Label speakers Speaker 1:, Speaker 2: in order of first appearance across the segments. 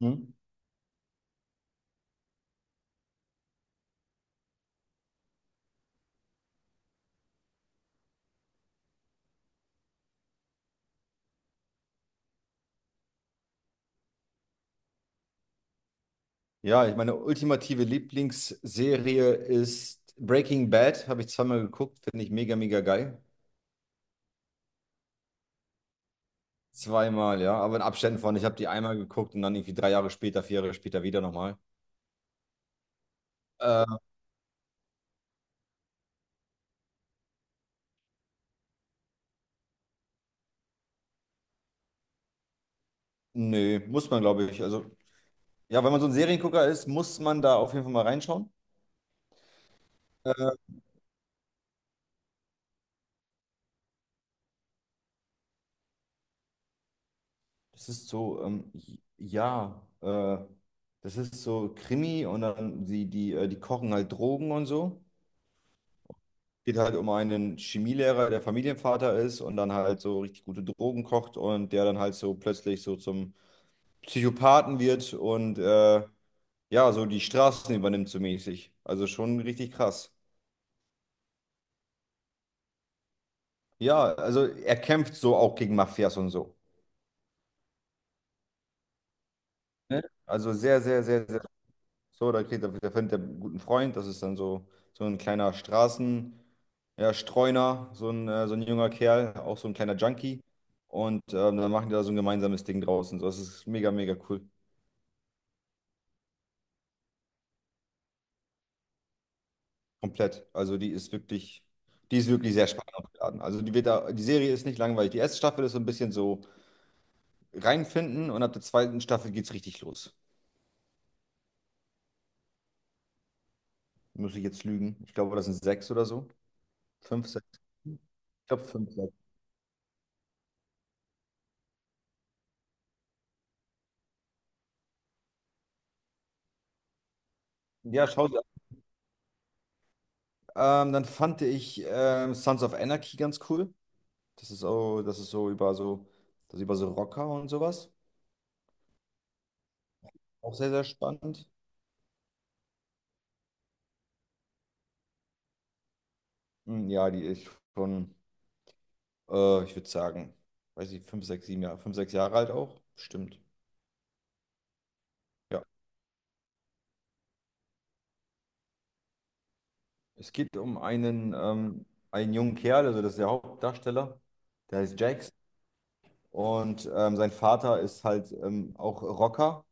Speaker 1: Hm? Ja, ich meine ultimative Lieblingsserie ist Breaking Bad. Habe ich zweimal geguckt, finde ich mega, mega geil. Zweimal, ja, aber in Abständen von. Ich habe die einmal geguckt und dann irgendwie 3 Jahre später, 4 Jahre später wieder nochmal. Äh, nö, muss man, glaube ich. Also, ja, wenn man so ein Seriengucker ist, muss man da auf jeden Fall mal reinschauen. Äh, das ist so, ja, das ist so Krimi und dann die kochen halt Drogen und so. Geht halt um einen Chemielehrer, der Familienvater ist und dann halt so richtig gute Drogen kocht und der dann halt so plötzlich so zum Psychopathen wird und ja, so die Straßen übernimmt so mäßig. Also schon richtig krass. Ja, also er kämpft so auch gegen Mafias und so. Ne? Also sehr, sehr, sehr, sehr. So, da kriegt er, da findet er einen guten Freund. Das ist dann so, so ein kleiner Straßen. Ja, Streuner, so ein junger Kerl, auch so ein kleiner Junkie. Und dann machen die da so ein gemeinsames Ding draus und so. Das ist mega, mega cool. Komplett. Also die ist wirklich sehr spannend aufgeladen. Also die wird da, die Serie ist nicht langweilig. Die erste Staffel ist so ein bisschen so reinfinden und ab der zweiten Staffel geht's richtig los. Muss ich jetzt lügen? Ich glaube, das sind sechs oder so. Fünf, sechs. Ich glaube, fünf, sechs. Ja, schau dir an. Dann fand ich Sons of Anarchy ganz cool. Das ist auch, das ist so über so, das ist über so Rocker und sowas. Auch sehr, sehr spannend. Hm, ja, die ist schon, ich würde sagen, weiß ich, 5, 6, 7 Jahre, 5, 6 Jahre alt auch. Stimmt. Ja. Es geht um einen jungen Kerl, also das ist der Hauptdarsteller, der heißt Jax. Und sein Vater ist halt auch Rocker,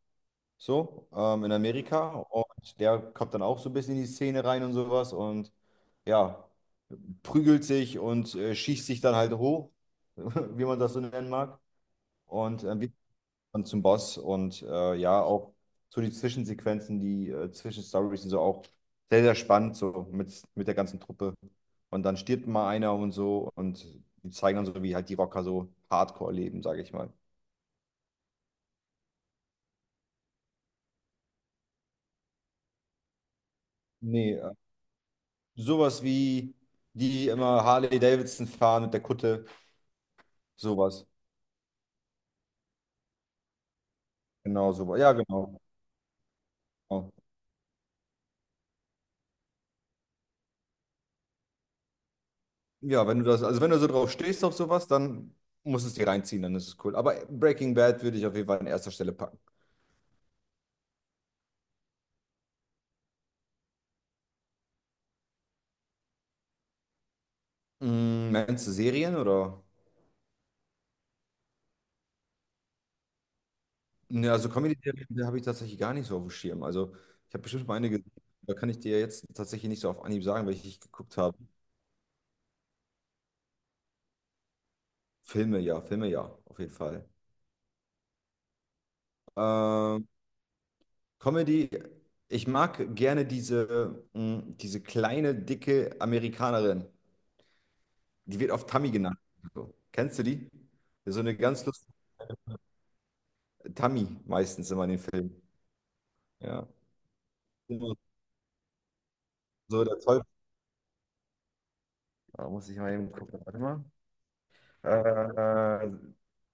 Speaker 1: so, in Amerika. Und der kommt dann auch so ein bisschen in die Szene rein und sowas. Und ja. Prügelt sich und schießt sich dann halt hoch, wie man das so nennen mag, und wird dann zum Boss und ja, auch so die Zwischensequenzen, die Zwischenstories sind so auch sehr, sehr spannend, so mit der ganzen Truppe. Und dann stirbt mal einer und so und die zeigen dann so, wie halt die Rocker so Hardcore leben, sage ich mal. Nee, sowas wie die immer Harley Davidson fahren mit der Kutte, sowas. Genau, sowas. Ja, genau. Genau. Ja, wenn du das, also wenn du so drauf stehst auf sowas, dann musst du es dir reinziehen, dann ist es cool. Aber Breaking Bad würde ich auf jeden Fall an erster Stelle packen. Mm, meinst du Serien oder? Ne, also Comedy-Serien die habe ich tatsächlich gar nicht so auf dem Schirm. Also ich habe bestimmt mal eine gesehen, da kann ich dir jetzt tatsächlich nicht so auf Anhieb sagen, welche ich geguckt habe. Filme, ja, auf jeden Fall. Ähm, Comedy, ich mag gerne diese kleine, dicke Amerikanerin. Die wird oft Tammy genannt. So. Kennst du die? So eine ganz lustige. Tammy meistens immer in den Filmen. Ja. Immer. So der Teufel. Da muss ich mal eben gucken. Warte mal. Äh,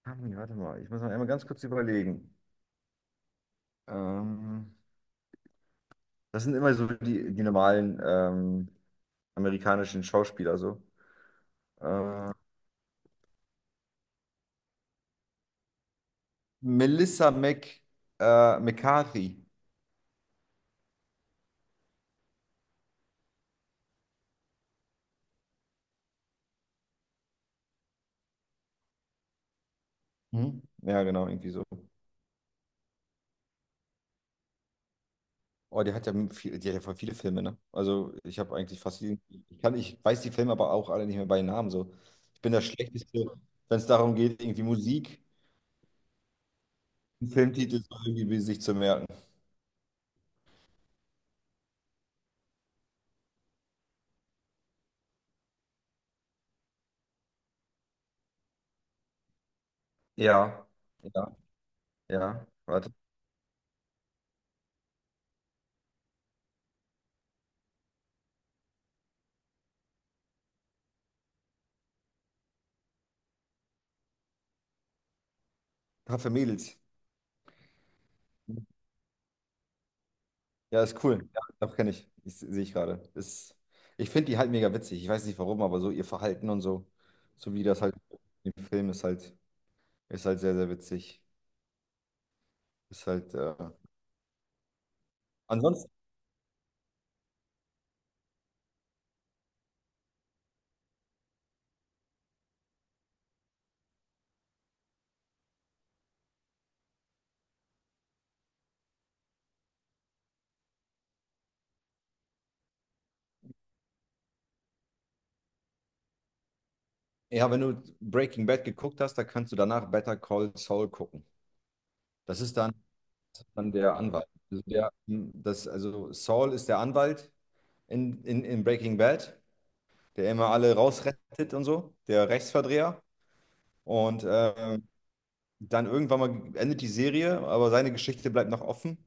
Speaker 1: Tammy, warte mal. Ich muss mal einmal ganz kurz überlegen. Ähm, das sind immer so die normalen amerikanischen Schauspieler so. Äh, Melissa McCarthy. Mhm. Ja, genau, irgendwie so. Oh, die hat ja voll viele Filme, ne? Also ich habe eigentlich fast jeden, ich weiß die Filme aber auch alle nicht mehr bei Namen so. Ich bin das Schlechteste, wenn es darum geht, irgendwie Musik, einen Filmtitel so irgendwie sich zu merken. Ja, ja, ja. Warte. Paar für Mädels. Ja, ist cool. Ja, doch kenne ich. Ich sehe ich gerade. Ist, ich finde die halt mega witzig. Ich weiß nicht warum, aber so ihr Verhalten und so, so wie das halt im Film ist halt sehr, sehr witzig. Ist halt. Ansonsten. Ja, wenn du Breaking Bad geguckt hast, dann kannst du danach Better Call Saul gucken. Das ist dann der Anwalt. Also, der, hm, das, also Saul ist der Anwalt in Breaking Bad, der immer alle rausrettet und so, der Rechtsverdreher. Und dann irgendwann mal endet die Serie, aber seine Geschichte bleibt noch offen.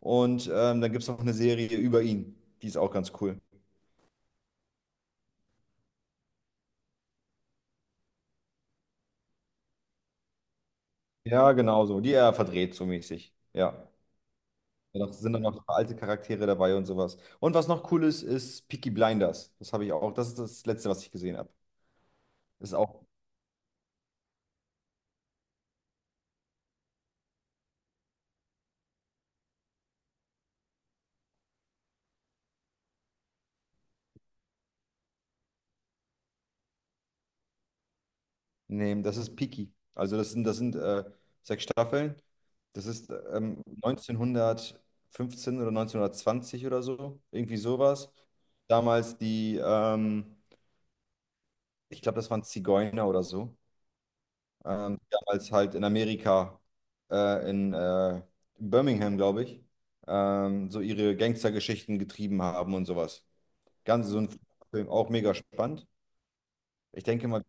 Speaker 1: Und dann gibt es noch eine Serie über ihn. Die ist auch ganz cool. Ja, genau so. Die er verdreht so mäßig. Ja. Ja, noch, sind dann noch alte Charaktere dabei und sowas. Und was noch cool ist, ist Peaky Blinders. Das habe ich auch. Das ist das Letzte, was ich gesehen habe. Ist auch. Nee, das ist Peaky. Also das sind sechs Staffeln. Das ist 1915 oder 1920 oder so. Irgendwie sowas. Damals die, ich glaube, das waren Zigeuner oder so. Die damals halt in Amerika, in Birmingham, glaube ich, so ihre Gangstergeschichten getrieben haben und sowas. Ganz so ein Film, auch mega spannend. Ich denke mal,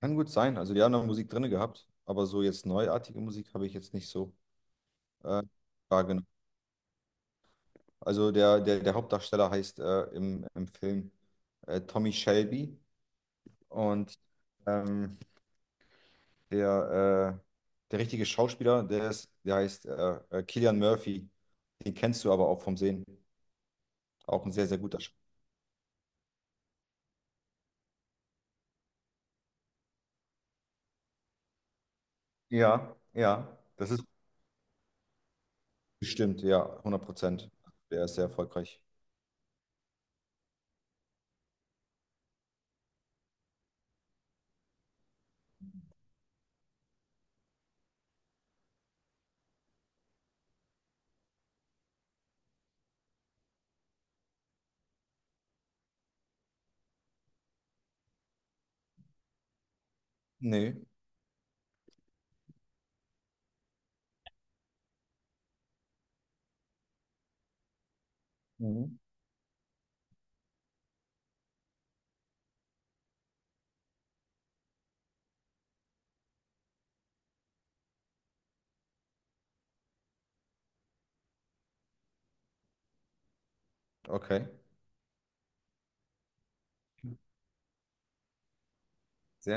Speaker 1: kann gut sein. Also die haben noch Musik drin gehabt, aber so jetzt neuartige Musik habe ich jetzt nicht so äh, wahrgenommen. Also der Hauptdarsteller heißt im Film Tommy Shelby und ähm, der, äh, der richtige Schauspieler, der heißt Cillian Murphy. Den kennst du aber auch vom Sehen. Auch ein sehr, sehr guter Schauspieler. Ja, ja, das ist. Bestimmt, ja, 100%. Der ist sehr erfolgreich. Nee. Mhm. Okay. Sehr